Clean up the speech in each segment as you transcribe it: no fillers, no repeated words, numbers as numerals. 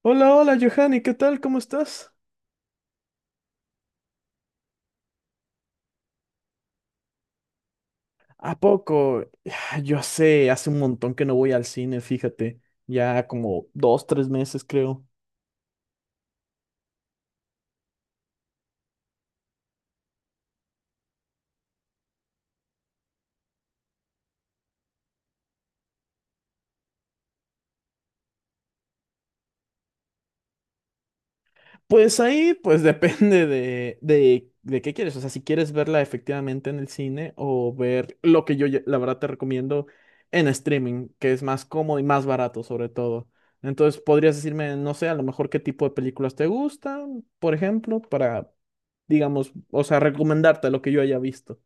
Hola, hola, Johanny, ¿qué tal? ¿Cómo estás? ¿A poco? Ah, yo sé, hace un montón que no voy al cine, fíjate, ya como 2, 3 meses creo. Pues ahí, pues depende de qué quieres, o sea, si quieres verla efectivamente en el cine o ver lo que la verdad te recomiendo en streaming, que es más cómodo y más barato sobre todo. Entonces, podrías decirme, no sé, a lo mejor qué tipo de películas te gustan, por ejemplo, para, digamos, o sea, recomendarte lo que yo haya visto.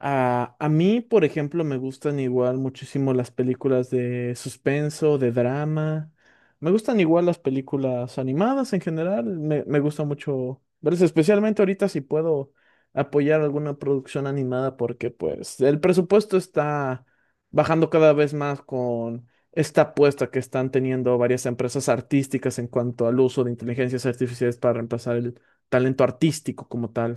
A mí, por ejemplo, me gustan igual muchísimo las películas de suspenso, de drama. Me gustan igual las películas animadas en general. Me gusta mucho verlas, especialmente ahorita si puedo apoyar alguna producción animada porque pues el presupuesto está bajando cada vez más con esta apuesta que están teniendo varias empresas artísticas en cuanto al uso de inteligencias artificiales para reemplazar el talento artístico como tal.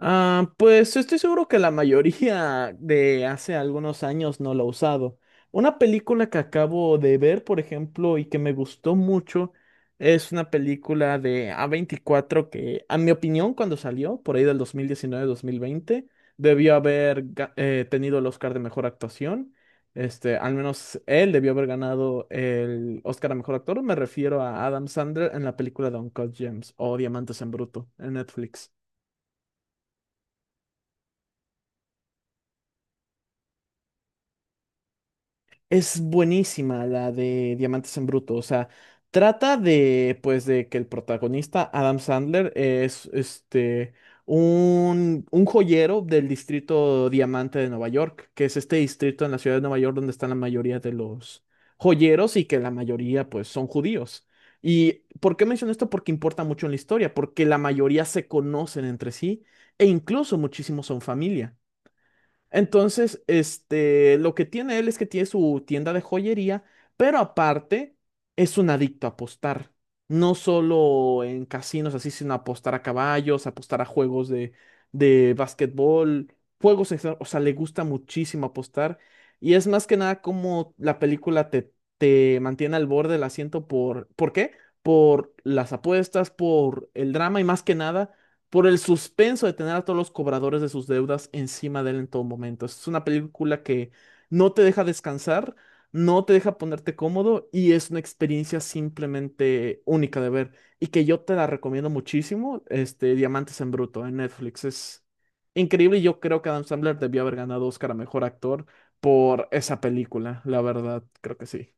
Ah, pues estoy seguro que la mayoría de hace algunos años no lo ha usado. Una película que acabo de ver, por ejemplo, y que me gustó mucho, es una película de A24 que, a mi opinión, cuando salió, por ahí del 2019 mil veinte, debió haber tenido el Oscar de Mejor Actuación. Este, al menos él debió haber ganado el Oscar a Mejor Actor. Me refiero a Adam Sandler en la película de Uncut Gems o Diamantes en Bruto en Netflix. Es buenísima la de Diamantes en Bruto, o sea, trata de, pues, de que el protagonista, Adam Sandler, es, este, un joyero del distrito Diamante de Nueva York, que es este distrito en la ciudad de Nueva York donde están la mayoría de los joyeros y que la mayoría, pues, son judíos. ¿Y por qué menciono esto? Porque importa mucho en la historia, porque la mayoría se conocen entre sí e incluso muchísimos son familia. Entonces, este, lo que tiene él es que tiene su tienda de joyería, pero aparte es un adicto a apostar. No solo en casinos así, sino apostar a caballos, apostar a juegos de básquetbol, juegos, en general, o sea, le gusta muchísimo apostar. Y es más que nada como la película te mantiene al borde del asiento ¿por qué? Por las apuestas, por el drama y más que nada por el suspenso de tener a todos los cobradores de sus deudas encima de él en todo momento. Es una película que no te deja descansar, no te deja ponerte cómodo y es una experiencia simplemente única de ver y que yo te la recomiendo muchísimo, este Diamantes en Bruto en Netflix. Es increíble y yo creo que Adam Sandler debió haber ganado Oscar a Mejor Actor por esa película, la verdad, creo que sí.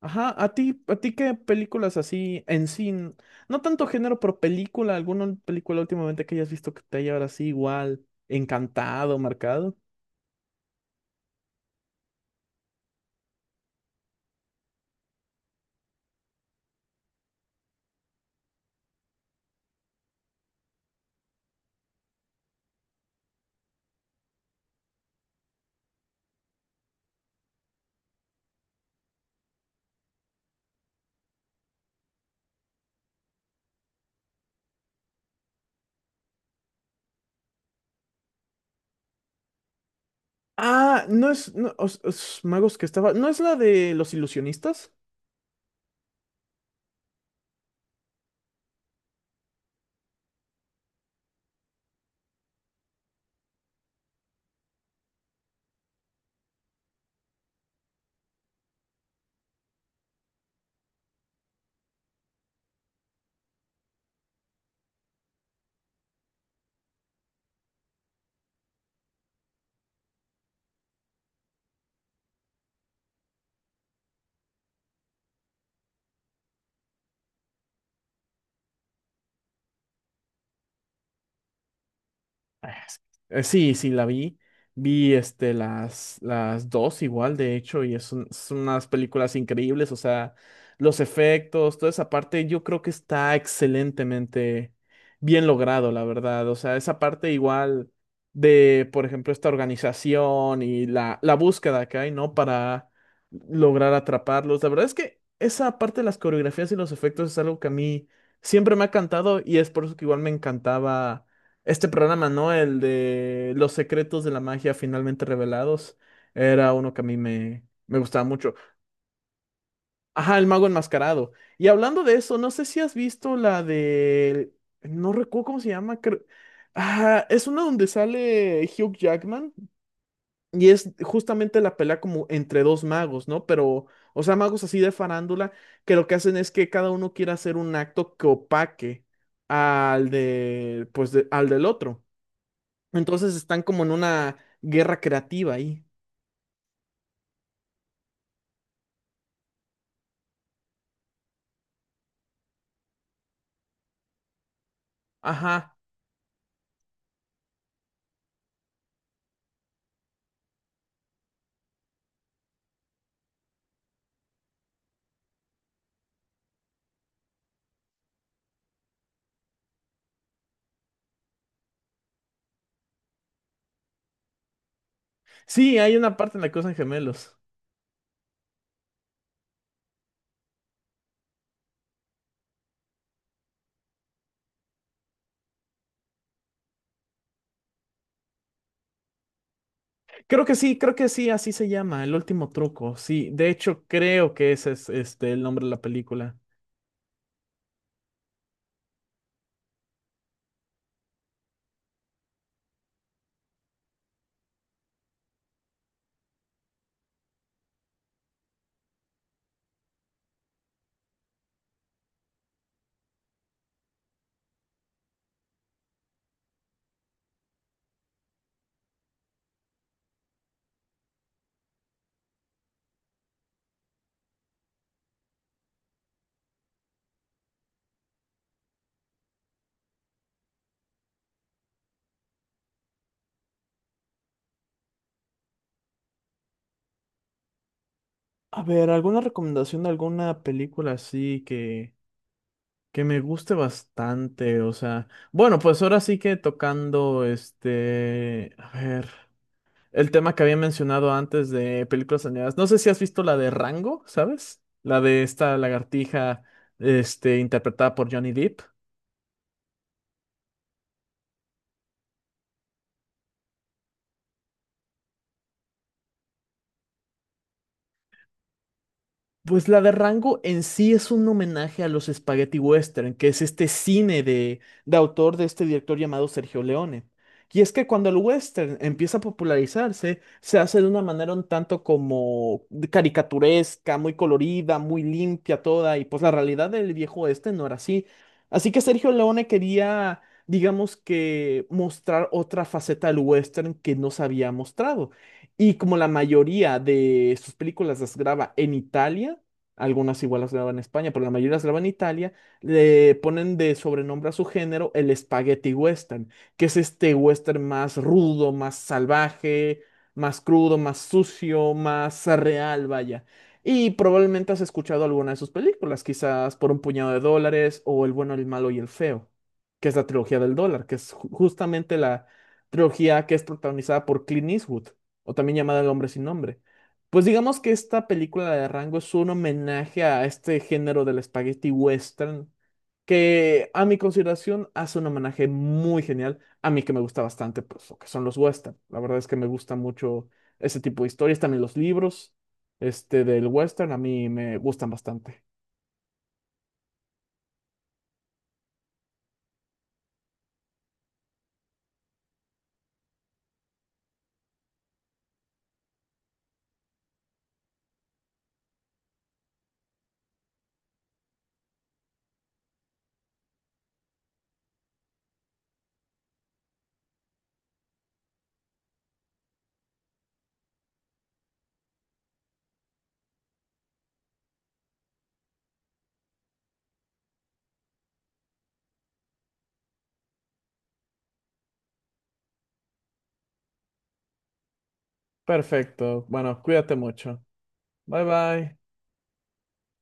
Ajá, a ti qué películas así en sí, no tanto género, pero película, alguna película últimamente que hayas visto que te haya ahora sí igual encantado, marcado? Ah, no es, no, magos que estaba, ¿no es la de los ilusionistas? Eh, Sí, sí, la vi. Vi este, las dos igual, de hecho, y son unas películas increíbles, o sea, los efectos, toda esa parte, yo creo que está excelentemente bien logrado, la verdad. O sea, esa parte igual de, por ejemplo, esta organización y la búsqueda que hay, ¿no? Para lograr atraparlos. La verdad es que esa parte de las coreografías y los efectos es algo que a mí siempre me ha encantado y es por eso que igual me encantaba. Este programa, ¿no? El de Los secretos de la magia finalmente revelados. Era uno que a mí me gustaba mucho. Ajá, el mago enmascarado. Y hablando de eso, no sé si has visto la de. No recuerdo cómo se llama. Ah, es una donde sale Hugh Jackman y es justamente la pelea como entre dos magos, ¿no? Pero, o sea, magos así de farándula que lo que hacen es que cada uno quiere hacer un acto que opaque al de, pues, al del otro. Entonces están como en una guerra creativa ahí. Ajá. Sí, hay una parte en la que usan gemelos. Creo que sí, así se llama, El último truco. Sí, de hecho creo que ese es este el nombre de la película. A ver, ¿alguna recomendación de alguna película así que me guste bastante? O sea, bueno, pues ahora sí que tocando este, a ver. El tema que había mencionado antes de películas animadas. No sé si has visto la de Rango, ¿sabes? La de esta lagartija, este, interpretada por Johnny Depp. Pues la de Rango en sí es un homenaje a los spaghetti western, que es este cine de autor de este director llamado Sergio Leone. Y es que cuando el western empieza a popularizarse, se hace de una manera un tanto como de caricaturesca, muy colorida, muy limpia toda, y pues la realidad del viejo oeste no era así. Así que Sergio Leone quería, digamos que, mostrar otra faceta del western que no se había mostrado. Y como la mayoría de sus películas las graba en Italia, algunas igual las graba en España, pero la mayoría las graba en Italia, le ponen de sobrenombre a su género el Spaghetti Western, que es este western más rudo, más salvaje, más crudo, más sucio, más real, vaya. Y probablemente has escuchado alguna de sus películas, quizás Por un puñado de dólares o El bueno, el malo y el feo, que es la trilogía del dólar, que es justamente la trilogía que es protagonizada por Clint Eastwood o también llamada El hombre sin nombre. Pues digamos que esta película de Rango es un homenaje a este género del spaghetti western, que a mi consideración hace un homenaje muy genial, a mí que me gusta bastante, pues lo que son los western. La verdad es que me gusta mucho ese tipo de historias, también los libros, este del western, a mí me gustan bastante. Perfecto, bueno, cuídate mucho. Bye bye.